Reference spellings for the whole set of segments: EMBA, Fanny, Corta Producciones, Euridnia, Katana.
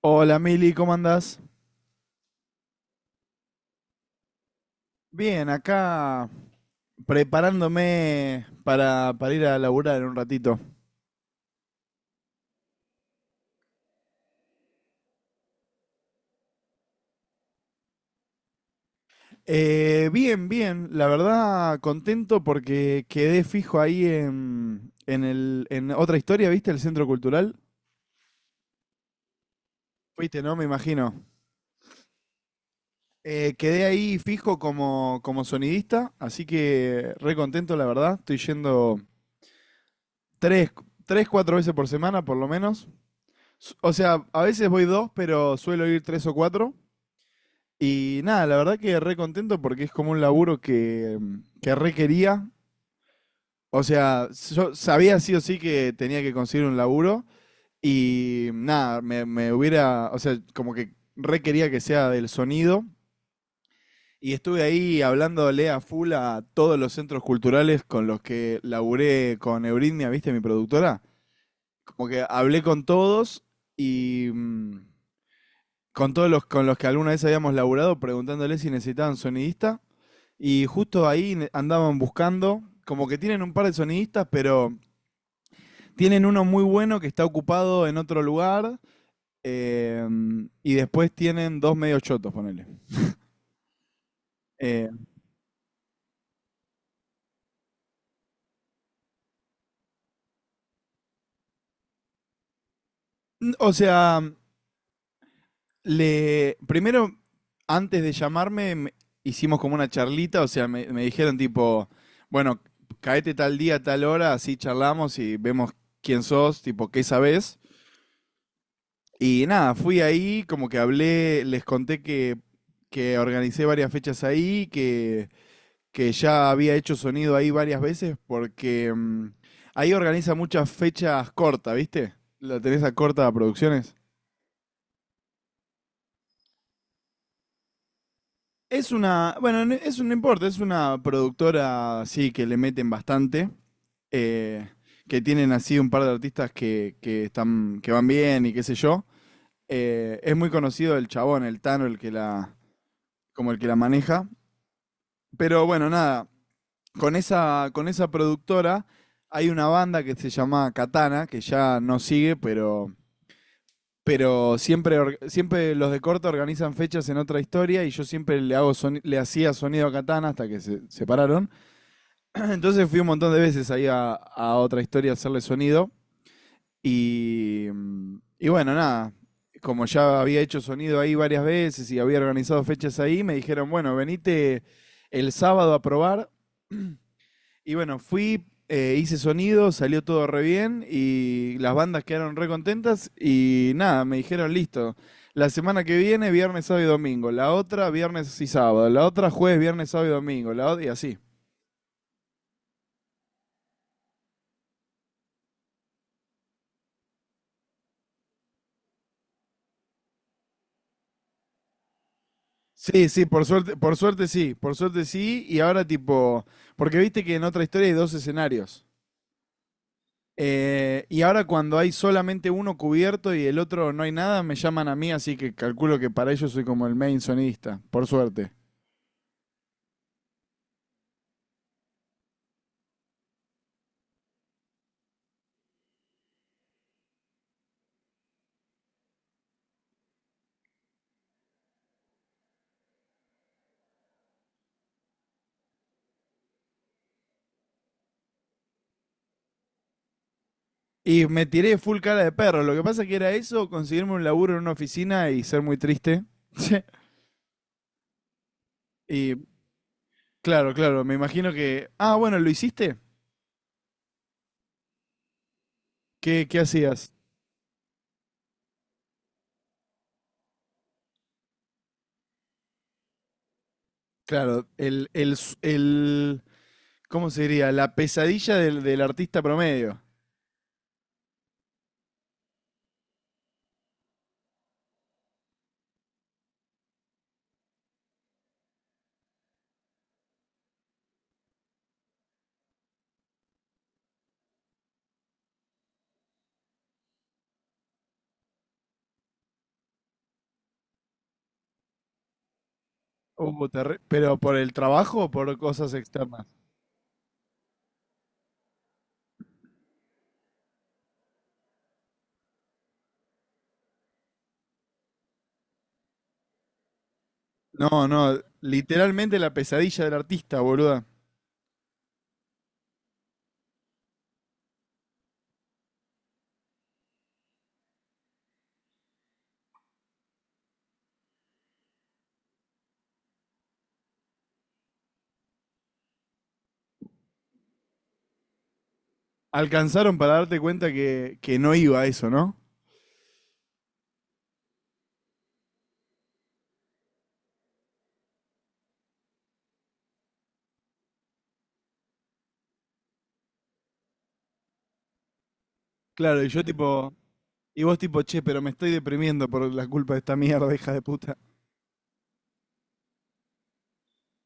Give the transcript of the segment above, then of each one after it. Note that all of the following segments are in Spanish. Hola Mili, ¿cómo andás? Bien, acá preparándome para ir a laburar en un ratito. Bien, bien, la verdad contento porque quedé fijo ahí en otra historia, ¿viste? El Centro Cultural. Fuiste, ¿no? Me imagino. Quedé ahí fijo como sonidista, así que re contento, la verdad. Estoy yendo tres, tres, cuatro veces por semana, por lo menos. O sea, a veces voy dos, pero suelo ir tres o cuatro. Y nada, la verdad que re contento porque es como un laburo que re quería. O sea, yo sabía sí o sí que tenía que conseguir un laburo y nada, me hubiera, o sea, como que re quería que sea del sonido. Y estuve ahí hablándole a full a todos los centros culturales con los que laburé con Euridnia, ¿viste? Mi productora. Como que hablé con todos y con todos los con los que alguna vez habíamos laburado preguntándoles si necesitaban sonidista. Y justo ahí andaban buscando, como que tienen un par de sonidistas, pero tienen uno muy bueno que está ocupado en otro lugar. eh, y después tienen dos medios chotos, ponele. Eh, o sea, primero, antes de llamarme, hicimos como una charlita, o sea, me dijeron tipo, bueno, caete tal día, tal hora, así charlamos y vemos quién sos, tipo, qué sabés. Y nada, fui ahí, como que hablé, les conté que organicé varias fechas ahí, que ya había hecho sonido ahí varias veces, porque ahí organiza muchas fechas cortas, ¿viste? La tenés a Corta Producciones. Es una, bueno, es un, no importa, es una productora, sí, que le meten bastante, eh, que tienen así un par de artistas que están, que van bien y qué sé yo. Es muy conocido el chabón, el Tano, el que la, como el que la maneja. Pero bueno, nada, con esa productora hay una banda que se llama Katana, que ya no sigue, pero siempre, siempre los de corta organizan fechas en otra historia y yo siempre le, le hacía sonido a Katana hasta que se separaron. Entonces fui un montón de veces ahí a otra historia a hacerle sonido y, y bueno, nada. Como ya había hecho sonido ahí varias veces y había organizado fechas ahí, me dijeron, bueno, venite el sábado a probar. Y bueno, fui, hice sonido, salió todo re bien y las bandas quedaron re contentas y nada, me dijeron listo. La semana que viene, viernes, sábado y domingo. La otra, viernes y sábado. La otra, jueves, viernes, sábado y domingo. La otra, y así. Sí, sí, por suerte sí, por suerte sí. Y ahora tipo, porque viste que en otra historia hay dos escenarios. Y ahora cuando hay solamente uno cubierto y el otro no hay nada, me llaman a mí, así que calculo que para ellos soy como el main sonidista, por suerte. Y me tiré full cara de perro. Lo que pasa que era eso, conseguirme un laburo en una oficina y ser muy triste. Y claro, claro, me imagino que... Ah, bueno, ¿lo hiciste? Qué hacías? Claro, el... ¿Cómo se diría? La pesadilla del artista promedio. Oh, ¿Pero por el trabajo o por cosas externas? No, no, literalmente la pesadilla del artista, boluda. Alcanzaron para darte cuenta que no iba a eso, ¿no? Claro, y yo tipo... Y vos tipo, che, pero me estoy deprimiendo por la culpa de esta mierda, hija de puta.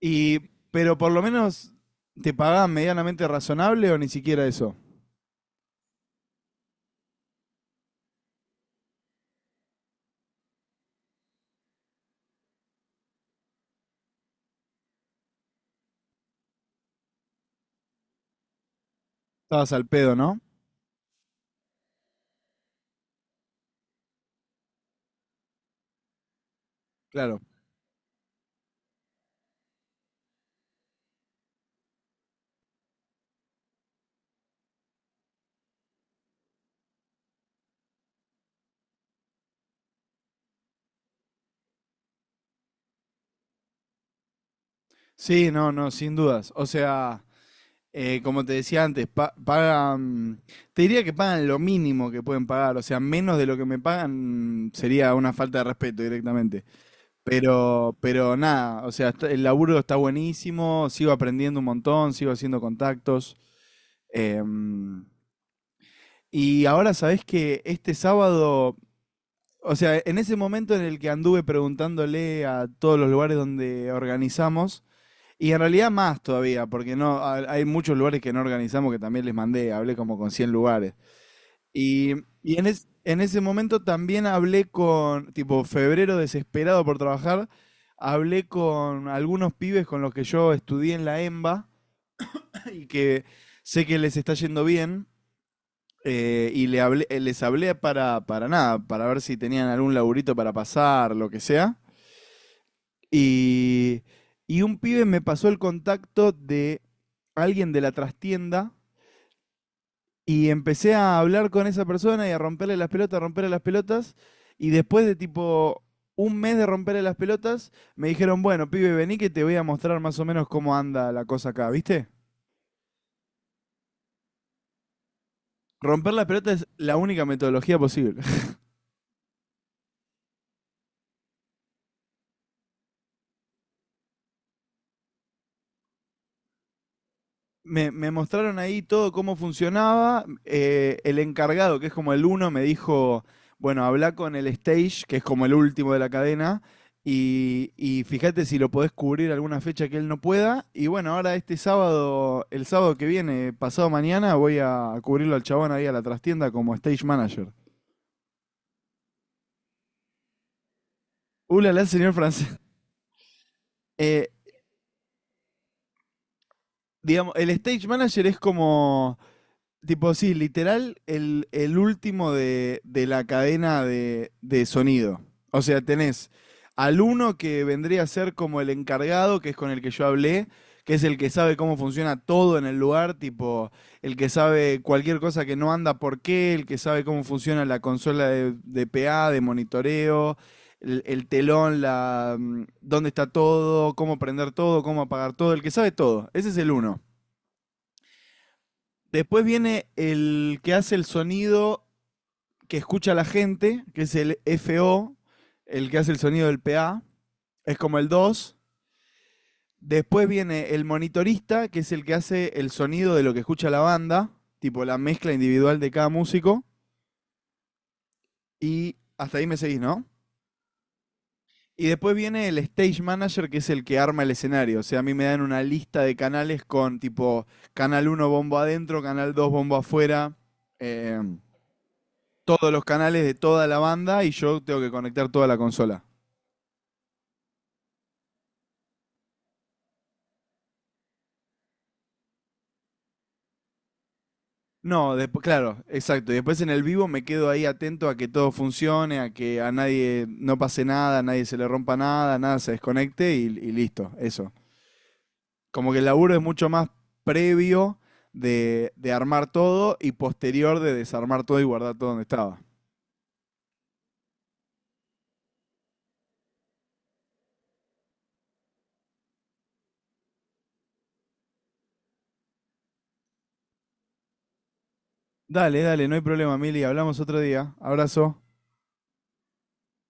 Y, pero por lo menos te pagaban medianamente razonable o ni siquiera eso. Estabas al pedo, ¿no? Claro. Sí, no, no, sin dudas. O sea, como te decía antes, pagan, te diría que pagan lo mínimo que pueden pagar. O sea, menos de lo que me pagan sería una falta de respeto directamente. Pero nada, o sea, el laburo está buenísimo, sigo aprendiendo un montón, sigo haciendo contactos. Em, Y ahora sabés que este sábado, o sea, en ese momento en el que anduve preguntándole a todos los lugares donde organizamos, y en realidad más todavía, porque no ha- hay muchos lugares que no organizamos que también les mandé, hablé como con 100 lugares. Y, en ese momento también hablé con, tipo, febrero desesperado por trabajar, hablé con algunos pibes con los que yo estudié en la EMBA y que sé que les está yendo bien. Les hablé para nada, para ver si tenían algún laburito para pasar, lo que sea. Y, y un pibe me pasó el contacto de alguien de la trastienda y empecé a hablar con esa persona y a romperle las pelotas, romperle las pelotas. Y después de tipo un mes de romperle las pelotas, me dijeron, bueno, pibe, vení que te voy a mostrar más o menos cómo anda la cosa acá, ¿viste? Romper las pelotas es la única metodología posible. Me mostraron ahí todo cómo funcionaba. El encargado, que es como el uno, me dijo, bueno, habla con el stage, que es como el último de la cadena, y fíjate si lo podés cubrir alguna fecha que él no pueda. Y bueno, ahora este sábado, el sábado que viene, pasado mañana, voy a cubrirlo al chabón ahí a la trastienda como stage manager. Ulala, señor francés. Eh, digamos, el stage manager es como... Tipo, sí, literal, el último de la cadena de sonido. O sea, tenés al uno que vendría a ser como el encargado, que es con el que yo hablé, que es el que sabe cómo funciona todo en el lugar, tipo, el que sabe cualquier cosa que no anda por qué, el que sabe cómo funciona la consola de PA, de monitoreo, el telón, la, dónde está todo, cómo prender todo, cómo apagar todo, el que sabe todo. Ese es el uno. Después viene el que hace el sonido que escucha la gente, que es el FO, el que hace el sonido del PA. Es como el dos. Después viene el monitorista, que es el que hace el sonido de lo que escucha la banda, tipo la mezcla individual de cada músico. Y hasta ahí me seguís, ¿no? Y después viene el stage manager, que es el que arma el escenario. O sea, a mí me dan una lista de canales con tipo canal uno bombo adentro, canal 2 bombo afuera. em, Todos los canales de toda la banda y yo tengo que conectar toda la consola. No, después, claro, exacto. Y después en el vivo me quedo ahí atento a que todo funcione, a que a nadie no pase nada, a nadie se le rompa nada, nada se desconecte y listo, eso. Como que el laburo es mucho más previo de armar todo y posterior de desarmar todo y guardar todo donde estaba. Dale, dale, no hay problema, Mili, hablamos otro día. Abrazo.